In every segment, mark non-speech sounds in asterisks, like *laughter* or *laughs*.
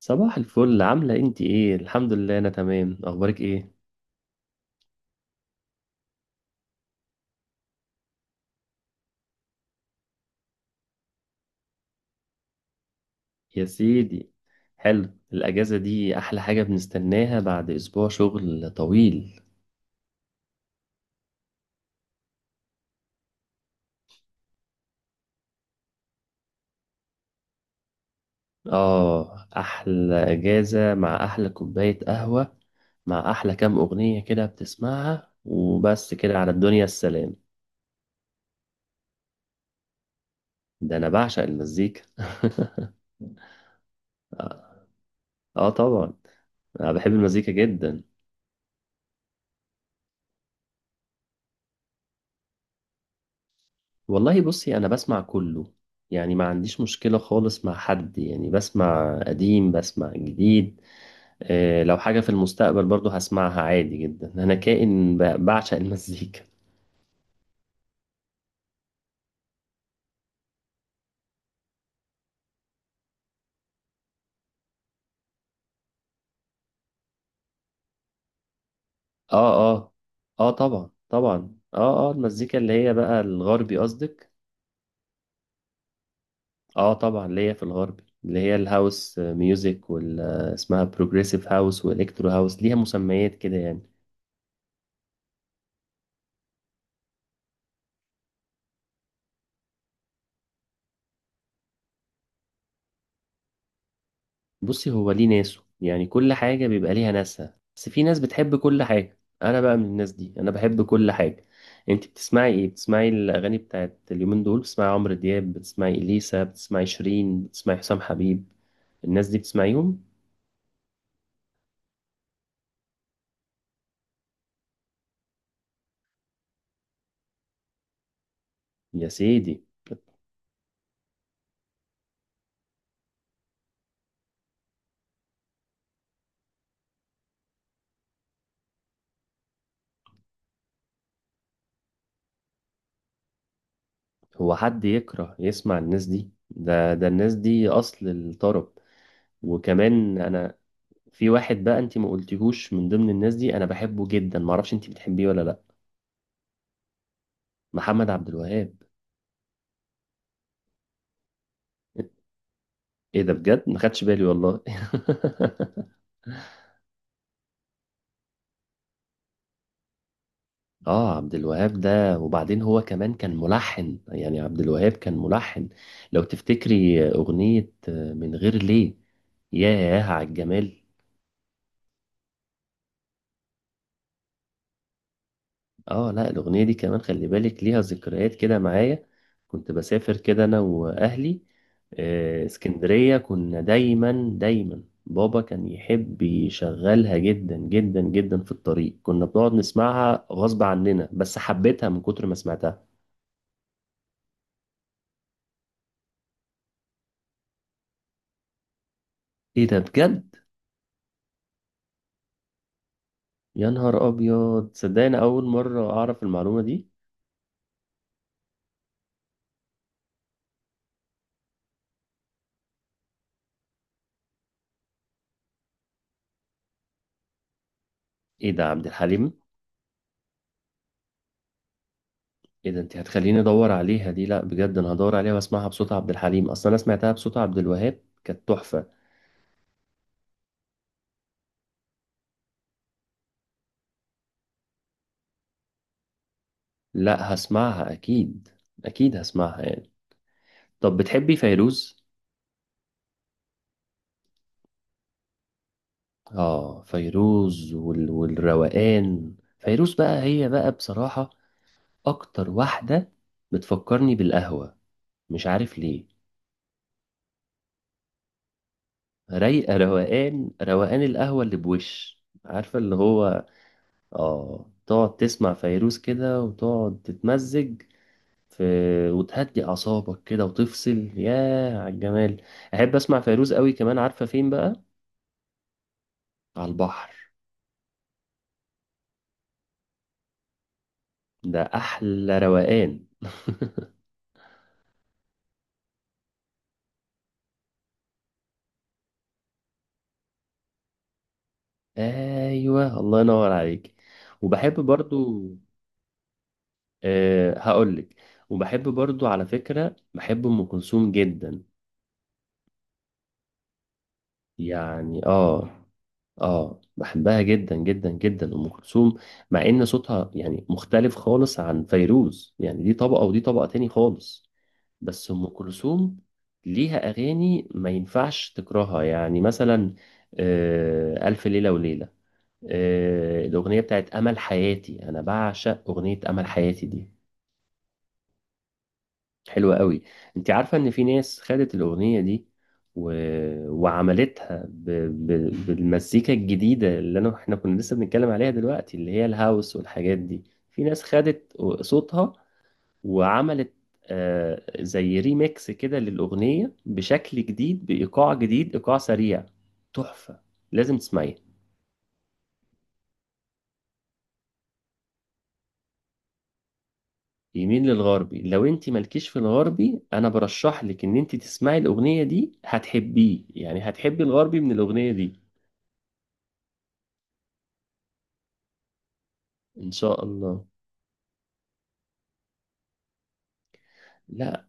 صباح الفل، عاملة انت ايه؟ الحمد لله انا تمام. اخبارك ايه؟ يا سيدي، حلو. الاجازة دي احلى حاجة بنستناها بعد اسبوع شغل طويل. اه، احلى اجازة مع احلى كوباية قهوة، مع احلى كام اغنية كده بتسمعها، وبس كده على الدنيا السلام. ده انا بعشق المزيكا *laughs* اه طبعا، انا بحب المزيكا جدا. والله بصي، انا بسمع كله، يعني ما عنديش مشكلة خالص مع حد. يعني بسمع قديم، بسمع جديد. آه، لو حاجة في المستقبل برضو هسمعها عادي جدا. انا كائن بعشق المزيكا. اه، اه، اه، طبعا، طبعا، اه، اه، المزيكا اللي هي بقى الغربي قصدك؟ اه طبعا، اللي هي في الغربي، اللي هي الهاوس ميوزك اسمها بروجريسيف هاوس والكترو هاوس. ليها مسميات كده يعني. بصي، هو ليه ناسه. يعني كل حاجة بيبقى ليها ناسها، بس في ناس بتحب كل حاجة. أنا بقى من الناس دي، أنا بحب كل حاجة. أنت بتسمعي إيه؟ بتسمعي الأغاني بتاعت اليومين دول؟ بتسمعي عمرو دياب، بتسمعي إليسا، بتسمعي شيرين، بتسمعي حسام حبيب؟ الناس دي بتسمعيهم؟ يا سيدي. هو حد يكره يسمع الناس دي؟ ده الناس دي أصل الطرب. وكمان أنا في واحد بقى أنت ما قلتيهوش من ضمن الناس دي، أنا بحبه جدا. معرفش أنت بتحبيه ولا لأ. محمد عبد الوهاب. إيه ده بجد؟ ما خدتش بالي والله *laughs* آه، عبد الوهاب ده، وبعدين هو كمان كان ملحن. يعني عبد الوهاب كان ملحن. لو تفتكري أغنية من غير ليه. ياه على الجمال. اه لا، الاغنيه دي كمان خلي بالك ليها ذكريات كده معايا. كنت بسافر كده انا واهلي اسكندريه. كنا دايما دايما، بابا كان يحب يشغلها جدا جدا جدا في الطريق. كنا بنقعد نسمعها غصب عننا، بس حبيتها من كتر ما سمعتها. ايه ده بجد؟ يا نهار ابيض، صدقني اول مره اعرف المعلومه دي. ايه ده، عبد الحليم؟ ايه ده، انت هتخليني ادور عليها دي. لا بجد، انا هدور عليها واسمعها بصوت عبد الحليم، اصلا انا سمعتها بصوت عبد الوهاب كانت تحفه. لا، هسمعها اكيد، اكيد هسمعها يعني. طب بتحبي فيروز؟ اه، فيروز والروقان. فيروز بقى، هي بقى بصراحة اكتر واحدة بتفكرني بالقهوة. مش عارف ليه. رايقة، روقان، روقان القهوة اللي بوش، عارفة اللي هو. اه، تقعد تسمع فيروز كده وتقعد تتمزج في، وتهدي اعصابك كده وتفصل. ياه على الجمال. احب اسمع فيروز قوي. كمان عارفة فين بقى؟ على البحر. ده احلى روقان *laughs* ايوه، الله ينور عليك. وبحب برضو، هقولك. وبحب برضو على فكرة، بحب ام كلثوم جدا. يعني اه بحبها جدا جدا جدا ام كلثوم. مع ان صوتها يعني مختلف خالص عن فيروز، يعني دي طبقة ودي طبقة تاني خالص. بس ام كلثوم ليها اغاني ما ينفعش تكرهها. يعني مثلا آه، الف ليلة وليلة، الأغنية بتاعت أمل حياتي. أنا بعشق أغنية أمل حياتي دي، حلوة قوي. أنت عارفة إن في ناس خدت الأغنية دي و... وعملتها ب... بالمزيكا الجديدة اللي إحنا كنا لسه بنتكلم عليها دلوقتي، اللي هي الهاوس والحاجات دي. في ناس خدت صوتها وعملت زي ريميكس كده للأغنية، بشكل جديد، بإيقاع جديد، إيقاع سريع. تحفة، لازم تسمعيها. يميل للغربي. لو انت مالكيش في الغربي انا برشح لك ان انت تسمعي الاغنيه دي، هتحبيه يعني، هتحبي الغربي من الاغنيه دي. ان شاء الله. لا،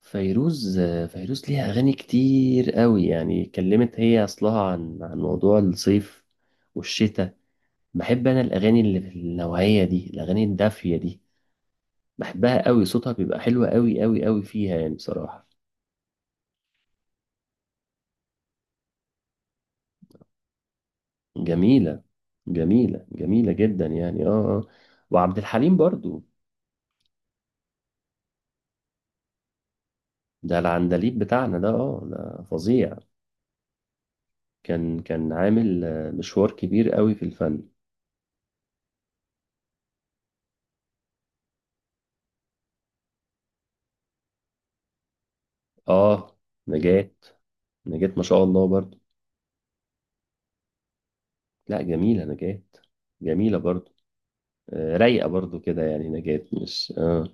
فيروز فيروز ليها اغاني كتير قوي. يعني اتكلمت هي اصلها عن موضوع الصيف والشتاء. بحب انا الاغاني اللي في النوعيه دي، الاغاني الدافيه دي. بحبها قوي، صوتها بيبقى حلو قوي قوي قوي فيها يعني بصراحه. جميله، جميله جميله جدا يعني. وعبد الحليم برضو. ده العندليب بتاعنا ده، اه، ده فظيع. كان عامل مشوار كبير قوي في الفن. اه، نجاة. نجاة ما شاء الله برضو. لا، جميلة نجاة، جميلة برضو. آه، رايقة برضو كده يعني نجاة، مش.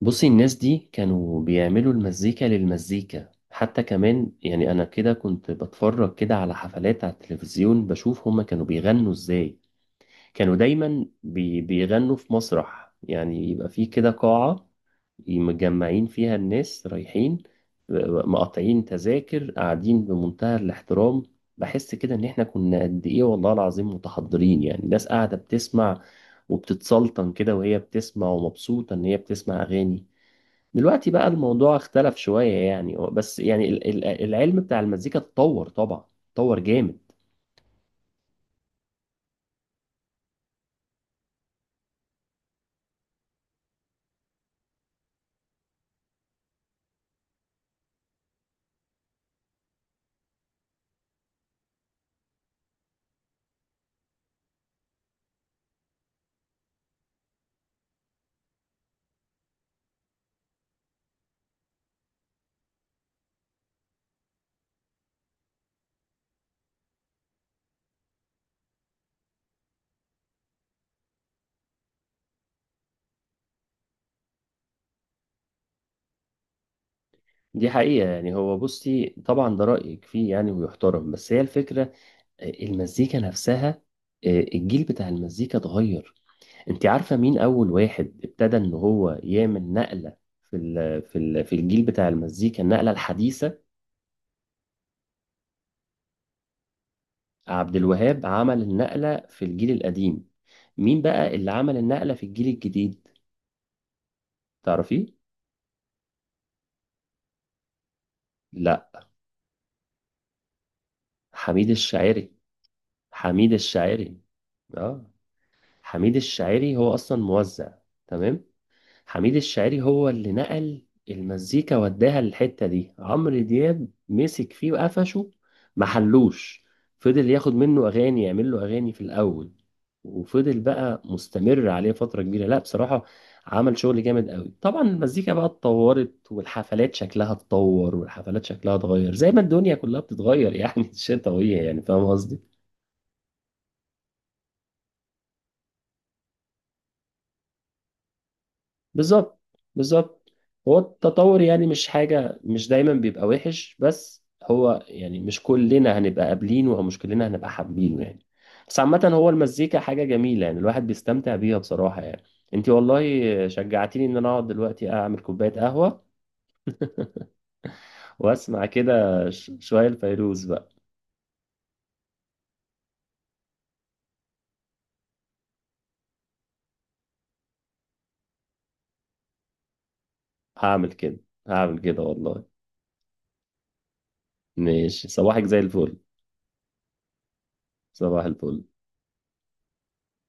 بصي، الناس دي كانوا بيعملوا المزيكا للمزيكا حتى كمان. يعني انا كده كنت بتفرج كده على حفلات على التلفزيون، بشوف هما كانوا بيغنوا ازاي. كانوا دايما بيغنوا في مسرح. يعني يبقى في كده قاعة مجمعين فيها الناس، رايحين مقاطعين تذاكر، قاعدين بمنتهى الاحترام. بحس كده ان احنا كنا قد ايه والله العظيم متحضرين. يعني الناس قاعدة بتسمع، وبتتسلطن كده وهي بتسمع، ومبسوطة ان هي بتسمع اغاني. دلوقتي بقى الموضوع اختلف شوية يعني. بس يعني العلم بتاع المزيكا اتطور طبعا، اتطور جامد. دي حقيقة يعني. هو بصي، طبعا ده رأيك فيه يعني ويحترم. بس هي الفكرة المزيكا نفسها، الجيل بتاع المزيكا اتغير. انت عارفة مين أول واحد ابتدى ان هو يعمل نقلة في الجيل بتاع المزيكا، النقلة الحديثة؟ عبد الوهاب عمل النقلة في الجيل القديم. مين بقى اللي عمل النقلة في الجيل الجديد؟ تعرفيه؟ لا. حميد الشاعري. حميد الشاعري، اه. حميد الشاعري هو أصلا موزع، تمام. حميد الشاعري هو اللي نقل المزيكا وداها للحتة دي. عمرو دياب مسك فيه وقفشه، محلوش. فضل ياخد منه أغاني، يعمل له أغاني في الأول، وفضل بقى مستمر عليه فترة كبيرة. لا بصراحة، عمل شغل جامد قوي. طبعا المزيكا بقى اتطورت، والحفلات شكلها اتطور، والحفلات شكلها اتغير، زي ما الدنيا كلها بتتغير يعني *laughs* الشتا وهي، يعني فاهم قصدي. بالظبط، بالظبط. هو التطور يعني مش حاجة، مش دايما بيبقى وحش. بس هو يعني مش كلنا هنبقى قابلينه، او مش كلنا هنبقى حابينه يعني. بس عامة، هو المزيكا حاجة جميلة، يعني الواحد بيستمتع بيها بصراحة يعني. انتي والله شجعتيني ان انا اقعد دلوقتي اعمل كوباية قهوة، واسمع كده شوية الفيروز بقى. هعمل كده، هعمل كده والله. ماشي، صباحك زي الفل. صباح الفل.